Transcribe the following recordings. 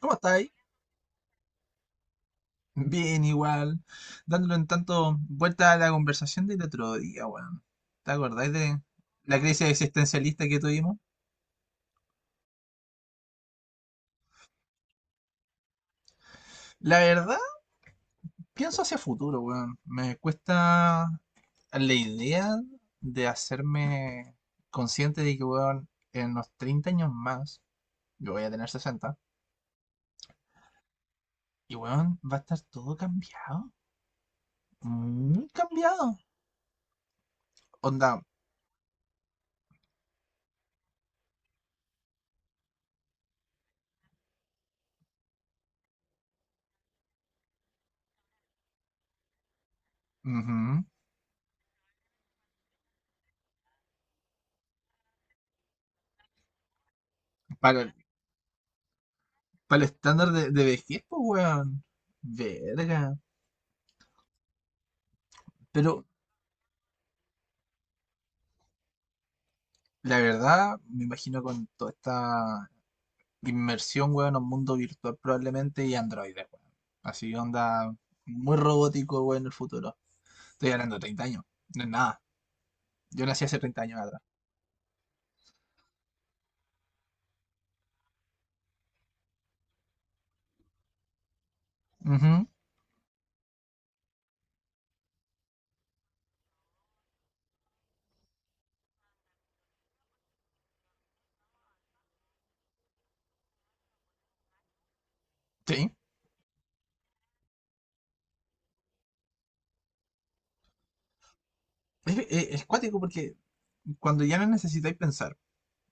¿Cómo estáis? Bien, igual. Dándole un tanto vuelta a la conversación del otro día, weón. ¿Te acordáis de la crisis existencialista que tuvimos? La verdad, pienso hacia futuro, weón. Me cuesta la idea de hacerme consciente de que, weón, en unos 30 años más, yo voy a tener 60 y, weón, va a estar todo cambiado. Muy cambiado. Onda. Ujú. Para, Para el estándar de vejez, pues, weón. Verga. Pero la verdad, me imagino con toda esta inmersión, weón, en un mundo virtual probablemente y androides, weón. Así onda muy robótico, weón, en el futuro. Estoy hablando de 30 años. No es nada. Yo nací hace 30 años atrás. Ujú. Sí. Es cuático porque cuando ya no necesitáis pensar,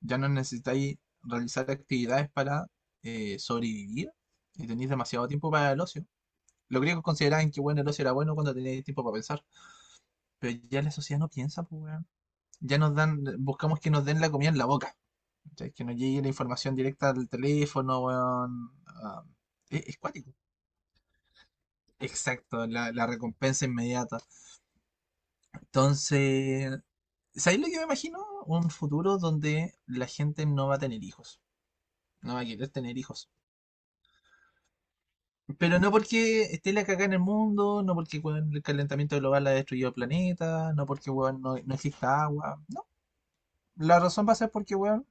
ya no necesitáis realizar actividades para sobrevivir y tenéis demasiado tiempo para el ocio. Los griegos consideraban que bueno, el ocio era bueno cuando tenías tiempo para pensar, pero ya la sociedad no piensa, pues, weón. Ya nos dan, buscamos que nos den la comida en la boca, ¿cachai? Que nos llegue la información directa al teléfono, weón. Ah, es cuático. Exacto, la recompensa inmediata. Entonces, ¿sabéis lo que me imagino? Un futuro donde la gente no va a tener hijos, no va a querer tener hijos. Pero no porque esté la cagada en el mundo, no porque weón, el calentamiento global ha destruido el planeta, no porque weón, no, no exista agua. La razón va a ser porque, weón,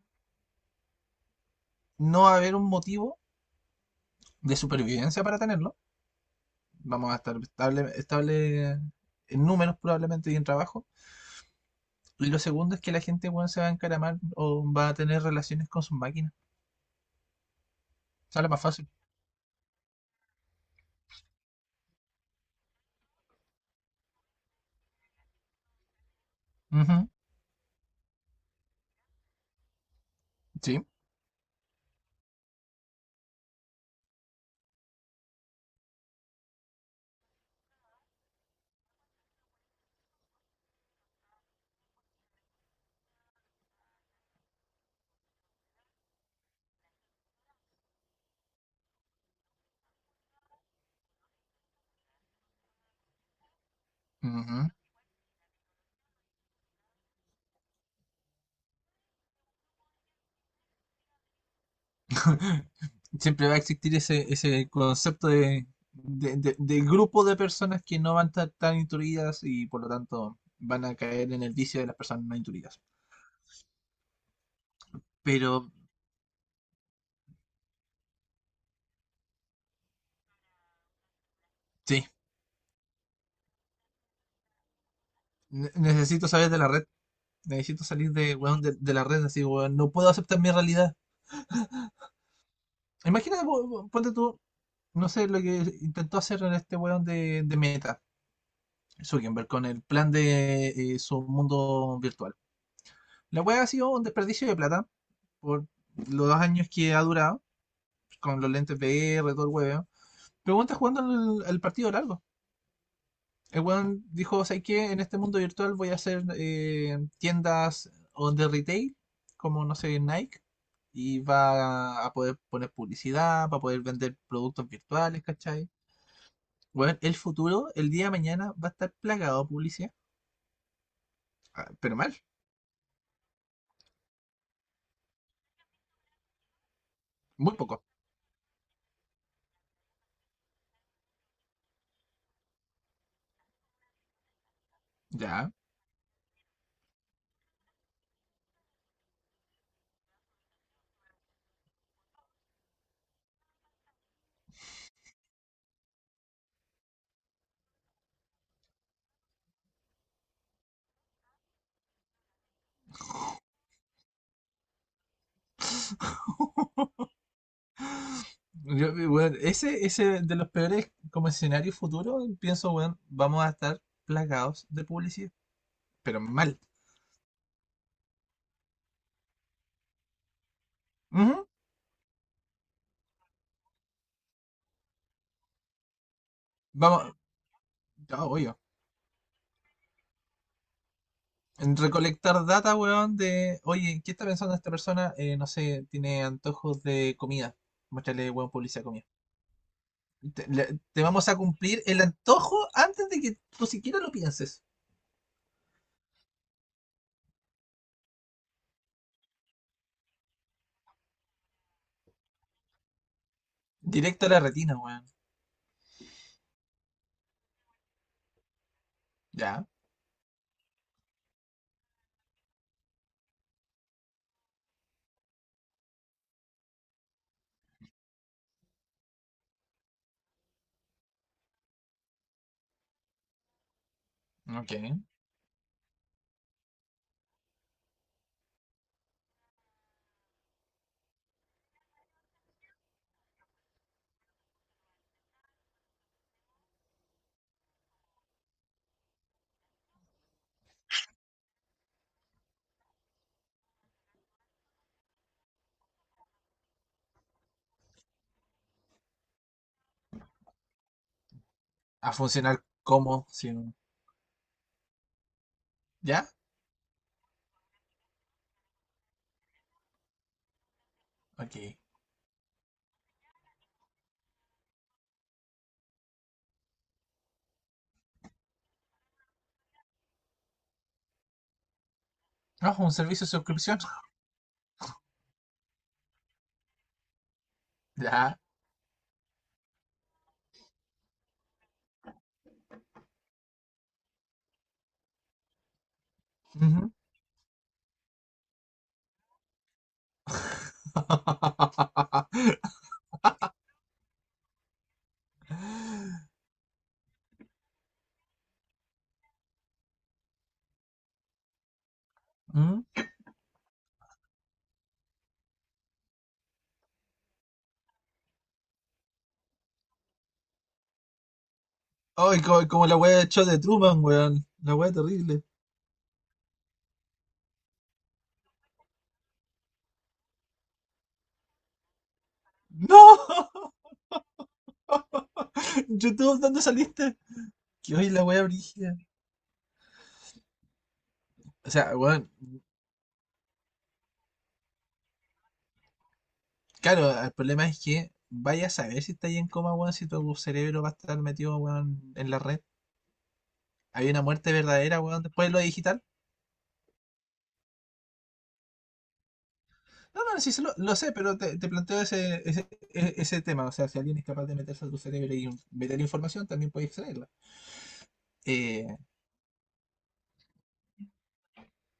no va a haber un motivo de supervivencia para tenerlo. Vamos a estar estable, estable en números probablemente y en trabajo. Y lo segundo es que la gente, weón, se va a encaramar o va a tener relaciones con sus máquinas. Sale más fácil. Ujú. Sí. Ujú. Siempre va a existir ese, ese concepto de, de grupo de personas que no van a estar tan intuidas y por lo tanto van a caer en el vicio de las personas no intuidas. Pero sí, necesito saber de la red. Necesito salir de, weón, de la red, así, weón. No puedo aceptar mi realidad. Imagínate, ponte tú, no sé, lo que intentó hacer este weón de Meta, Zuckerberg, con el plan de su mundo virtual. La weá ha sido un desperdicio de plata por los 2 años que ha durado, con los lentes VR, todo el weón. Pero weón está jugando el partido largo. El weón dijo, ¿sabes qué? En este mundo virtual voy a hacer tiendas on the retail, como, no sé, Nike, y va a poder poner publicidad, va a poder vender productos virtuales, ¿cachai? Weón, el futuro, el día de mañana, va a estar plagado de publicidad. Ah, pero mal, muy poco. Ya, yo, weón, ese de los peores como escenario futuro, pienso, weón, vamos a estar plagados de publicidad, pero mal. Ujú. Vamos, ya, obvio. En recolectar data, weón, de, oye, ¿qué está pensando esta persona? No sé, tiene antojos de comida. Muéstrale, weón, publicidad de comida. Te vamos a cumplir el antojo antes de que tú siquiera lo pienses. Directo a la retina, weón. Ya, ok. A funcionar como, si ya, ok. Ah, un servicio de suscripción. Ya. Ujú. Mm. Ay, como, la wea de show de Truman, weón. La wea terrible. ¡No! YouTube, ¿dónde saliste? Que hoy la wea brígida. O sea, weón, claro, el problema es que vaya a saber si está ahí en coma, weón, si tu cerebro va a estar metido, weón, en la red. Hay una muerte verdadera, weón, después de lo digital. No, no, sí, se lo sé, pero te planteo ese, ese tema. O sea, si alguien es capaz de meterse a tu cerebro y meter información, también puede extraerla. Eh,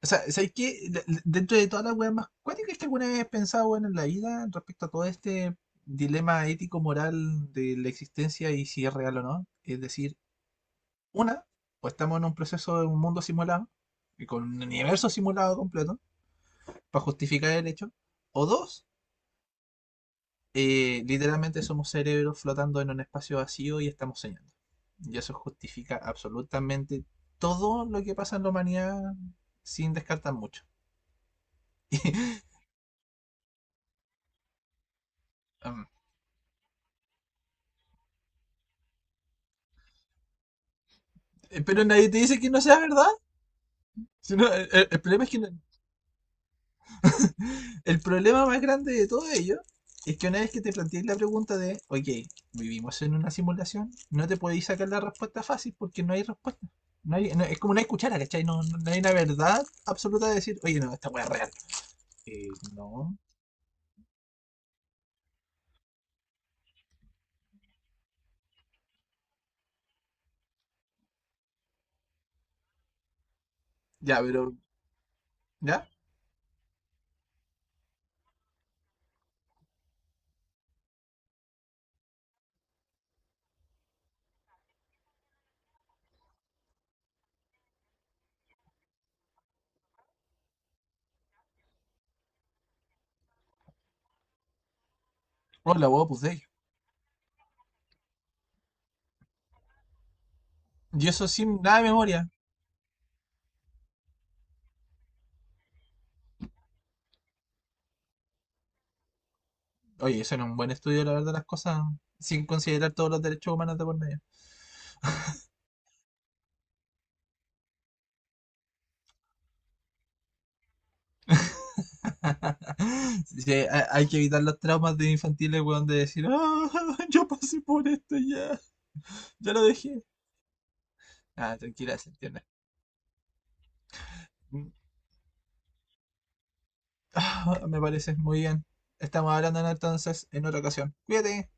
o sea, ¿sabes qué? Dentro de todas las weas más cuáticas que alguna vez he pensado, weón, en la vida, respecto a todo este dilema ético-moral de la existencia y si es real o no. Es decir, una, o estamos en un proceso de un mundo simulado, y con un universo simulado completo, para justificar el hecho. O dos, literalmente somos cerebros flotando en un espacio vacío y estamos soñando. Y eso justifica absolutamente todo lo que pasa en la humanidad sin descartar mucho. Um, Pero nadie te dice que no sea verdad. Si no, el, problema es que el problema más grande de todo ello es que una vez que te plantees la pregunta de, ok, vivimos en una simulación, no te podéis sacar la respuesta fácil porque no hay respuesta. Es como una cuchara, ¿cachai? No hay una verdad absoluta de decir, oye, no, esta weá es real. Eh, no. Ya, pero, ¿ya? Oh, la hueá pues de ello. Y eso sin nada de memoria. Oye, eso no es un buen estudio, la verdad, las cosas, sin considerar todos los derechos humanos de por medio. Sí, hay que evitar los traumas de infantiles, weón, de decir, ah, yo pasé por esto ya, ya lo dejé. Ah, tranquila, se entiende. Mm, ah, me parece muy bien. Estamos hablando, ¿no? Entonces en otra ocasión. Cuídate.